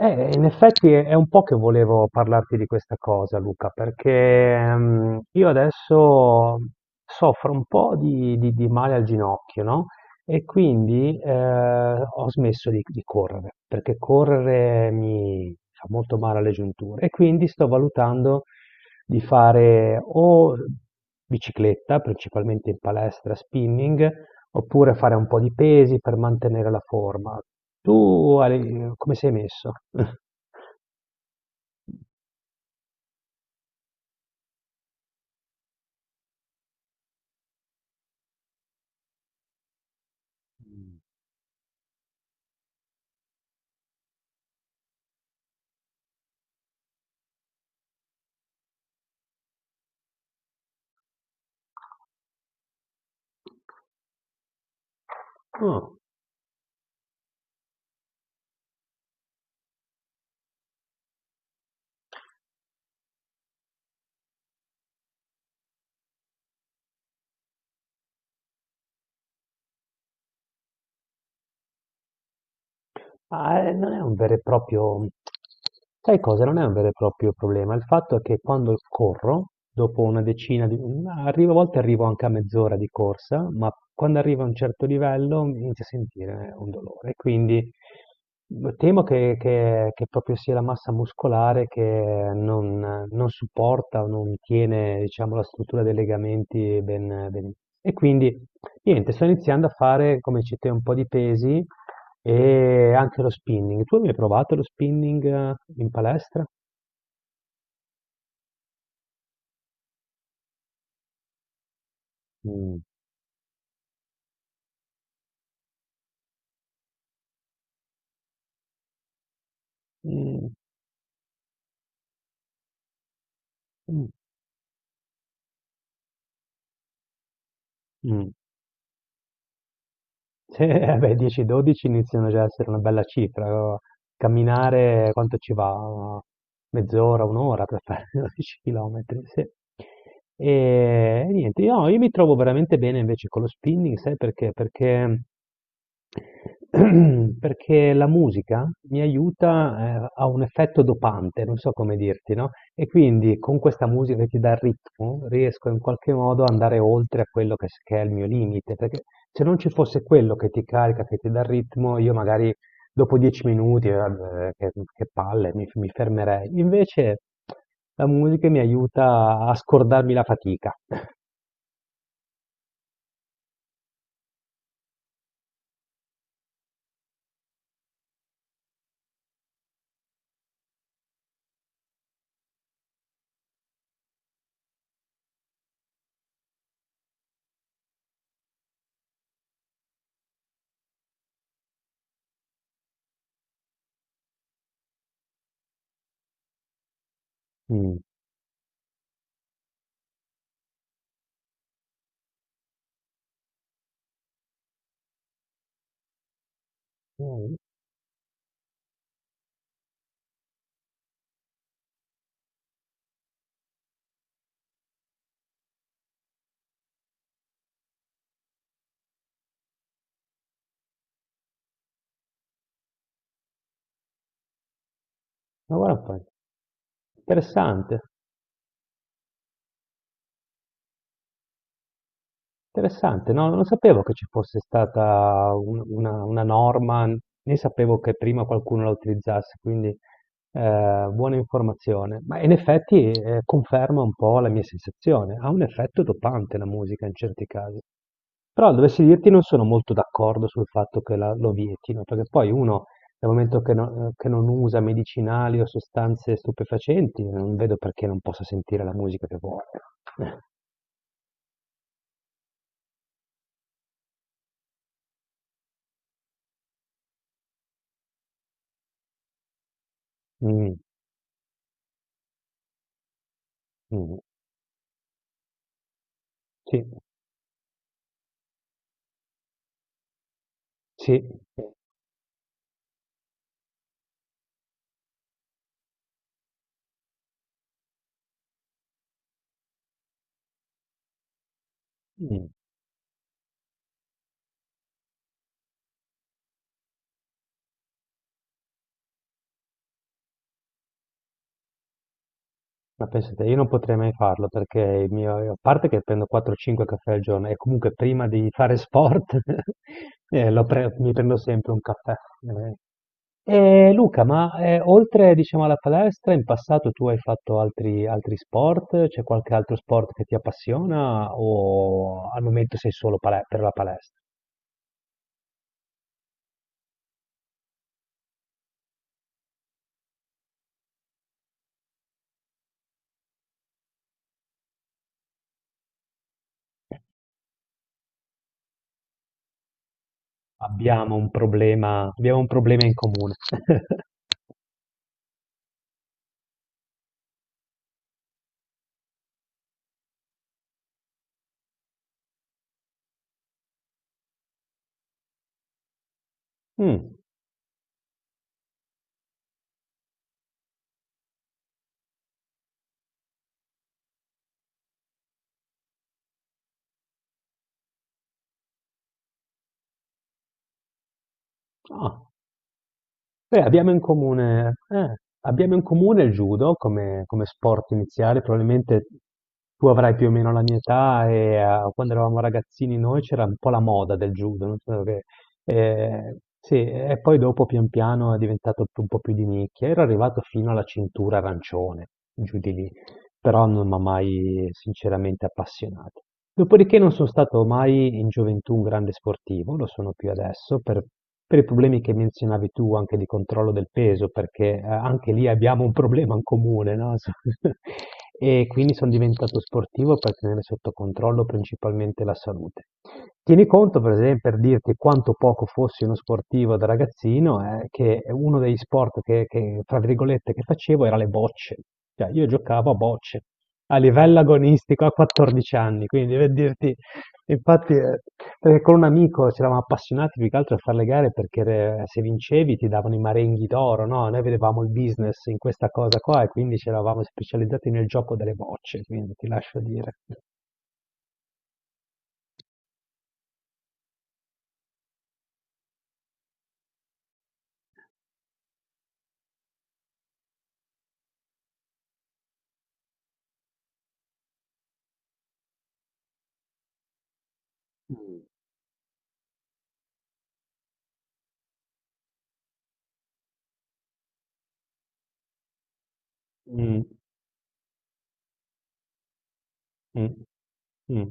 In effetti è un po' che volevo parlarti di questa cosa, Luca, perché io adesso soffro un po' di male al ginocchio, no? E quindi ho smesso di correre, perché correre mi fa molto male alle giunture. E quindi sto valutando di fare o bicicletta, principalmente in palestra, spinning, oppure fare un po' di pesi per mantenere la forma. Tu Ale, come sei messo? Mm. Ah. Ma, non è un vero e proprio, sai cosa? Non è un vero e proprio problema. Il fatto è che quando corro, dopo una decina di, ma arrivo, a volte arrivo anche a mezz'ora di corsa, ma quando arrivo a un certo livello mi inizio a sentire un dolore. Quindi temo che proprio sia la massa muscolare che non supporta o non tiene, diciamo, la struttura dei legamenti ben, ben. E quindi, niente, sto iniziando a fare, come dici te, un po' di pesi e anche lo spinning. Tu hai mai provato lo spinning in palestra? Mm. Mm. Mm. Mm. Sì, eh beh, 10-12 iniziano già a essere una bella cifra. Camminare quanto ci va? Mezz'ora, un'ora per fare 12 km, sì. E niente, io mi trovo veramente bene invece con lo spinning, sai perché? Perché la musica mi aiuta, ha un effetto dopante, non so come dirti, no? E quindi con questa musica che ti dà il ritmo riesco in qualche modo ad andare oltre a quello che, che è il mio limite, perché se non ci fosse quello che ti carica, che ti dà il ritmo, io magari dopo 10 minuti, vabbè, che palle, mi fermerei. Invece la musica mi aiuta a scordarmi la fatica. Mm. Mm. Ma guarda un po', interessante. Interessante, no, non sapevo che ci fosse stata una norma, né sapevo che prima qualcuno la utilizzasse, quindi buona informazione. Ma in effetti conferma un po' la mia sensazione, ha un effetto dopante la musica in certi casi. Però dovessi dirti non sono molto d'accordo sul fatto che lo vietino, perché poi uno dal momento che, che non usa medicinali o sostanze stupefacenti, non vedo perché non possa sentire la musica che vuole. Mm, mm, sì, sì, mm. Ma pensate, io non potrei mai farlo perché il mio, a parte che prendo 4-5 caffè al giorno e comunque prima di fare sport lo mi prendo sempre un caffè. E Luca, ma oltre diciamo alla palestra, in passato tu hai fatto altri, altri sport? C'è qualche altro sport che ti appassiona o al momento sei solo per la palestra? Abbiamo un problema in comune. Mm. Ah. Beh, abbiamo in comune il judo come sport iniziale, probabilmente tu avrai più o meno la mia età e quando eravamo ragazzini noi c'era un po' la moda del judo, non so sì, e poi dopo pian piano è diventato un po' più di nicchia, ero arrivato fino alla cintura arancione, giù di lì, però non mi ha mai sinceramente appassionato. Dopodiché non sono stato mai in gioventù un grande sportivo, lo sono più adesso per, i problemi che menzionavi tu anche di controllo del peso, perché anche lì abbiamo un problema in comune, no? E quindi sono diventato sportivo per tenere sotto controllo principalmente la salute. Tieni conto, per esempio, per dirti quanto poco fossi uno sportivo da ragazzino, che uno degli sport tra virgolette, che facevo era le bocce. Cioè, io giocavo a bocce a livello agonistico a 14 anni, quindi per dirti, infatti con un amico ci eravamo appassionati più che altro a fare le gare perché se vincevi ti davano i marenghi d'oro, no? Noi vedevamo il business in questa cosa qua e quindi ci eravamo specializzati nel gioco delle bocce, quindi ti lascio dire. Mm, mm, mm,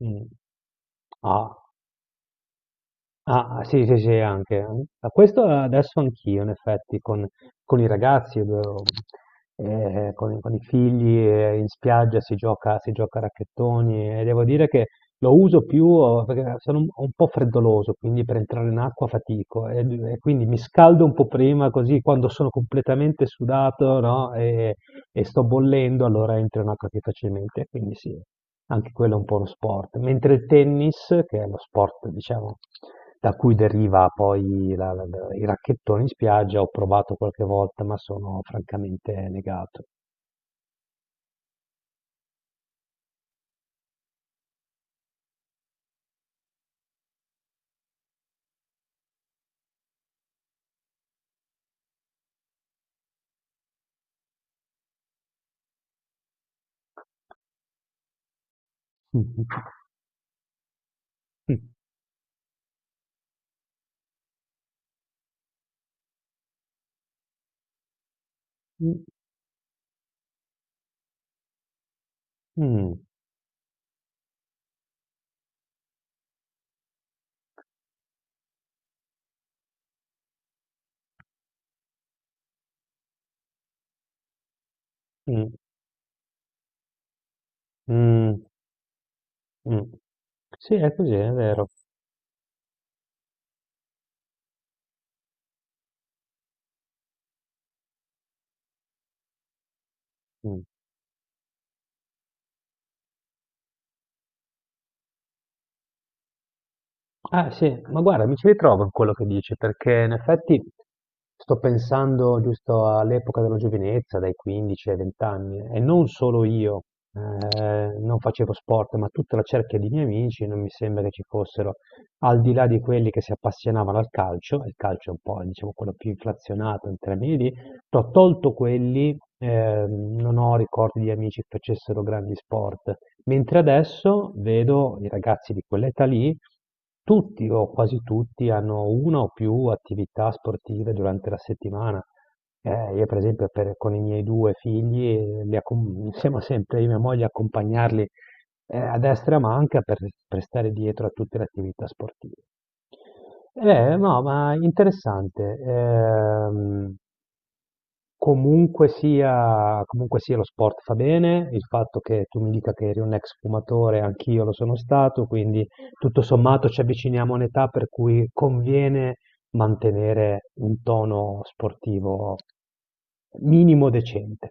mm. Ah. Ah, sì, sì, sì, anche. Ma questo adesso anch'io, in effetti, con i ragazzi, con i figli, in spiaggia si gioca a racchettoni e devo dire che lo uso più perché sono un po' freddoloso, quindi per entrare in acqua fatico e quindi mi scaldo un po' prima, così quando sono completamente sudato, no, e sto bollendo, allora entro in acqua più facilmente, quindi sì. Anche quello è un po' uno sport, mentre il tennis, che è lo sport, diciamo, da cui deriva poi i racchettoni in spiaggia, ho provato qualche volta, ma sono francamente negato. Mm, mm, mm, mm. Mm. Sì, è così, è vero. Mm. Ah sì, ma guarda, mi ci ritrovo in quello che dici, perché in effetti sto pensando giusto all'epoca della giovinezza, dai 15 ai 20 anni, e non solo io, non facevo sport, ma tutta la cerchia di miei amici, non mi sembra che ci fossero, al di là di quelli che si appassionavano al calcio, e il calcio è un po', diciamo, quello più inflazionato in termini di, ho tolto quelli, non ho ricordi di amici che facessero grandi sport. Mentre adesso vedo i ragazzi di quell'età lì, tutti o quasi tutti hanno una o più attività sportive durante la settimana. Io per esempio con i miei due figli li siamo sempre io e mia moglie a accompagnarli a destra e a manca per, stare dietro a tutte le attività sportive. No, ma interessante. Comunque sia lo sport fa bene, il fatto che tu mi dica che eri un ex fumatore, anch'io lo sono stato, quindi tutto sommato ci avviciniamo a un'età per cui conviene mantenere un tono sportivo minimo decente.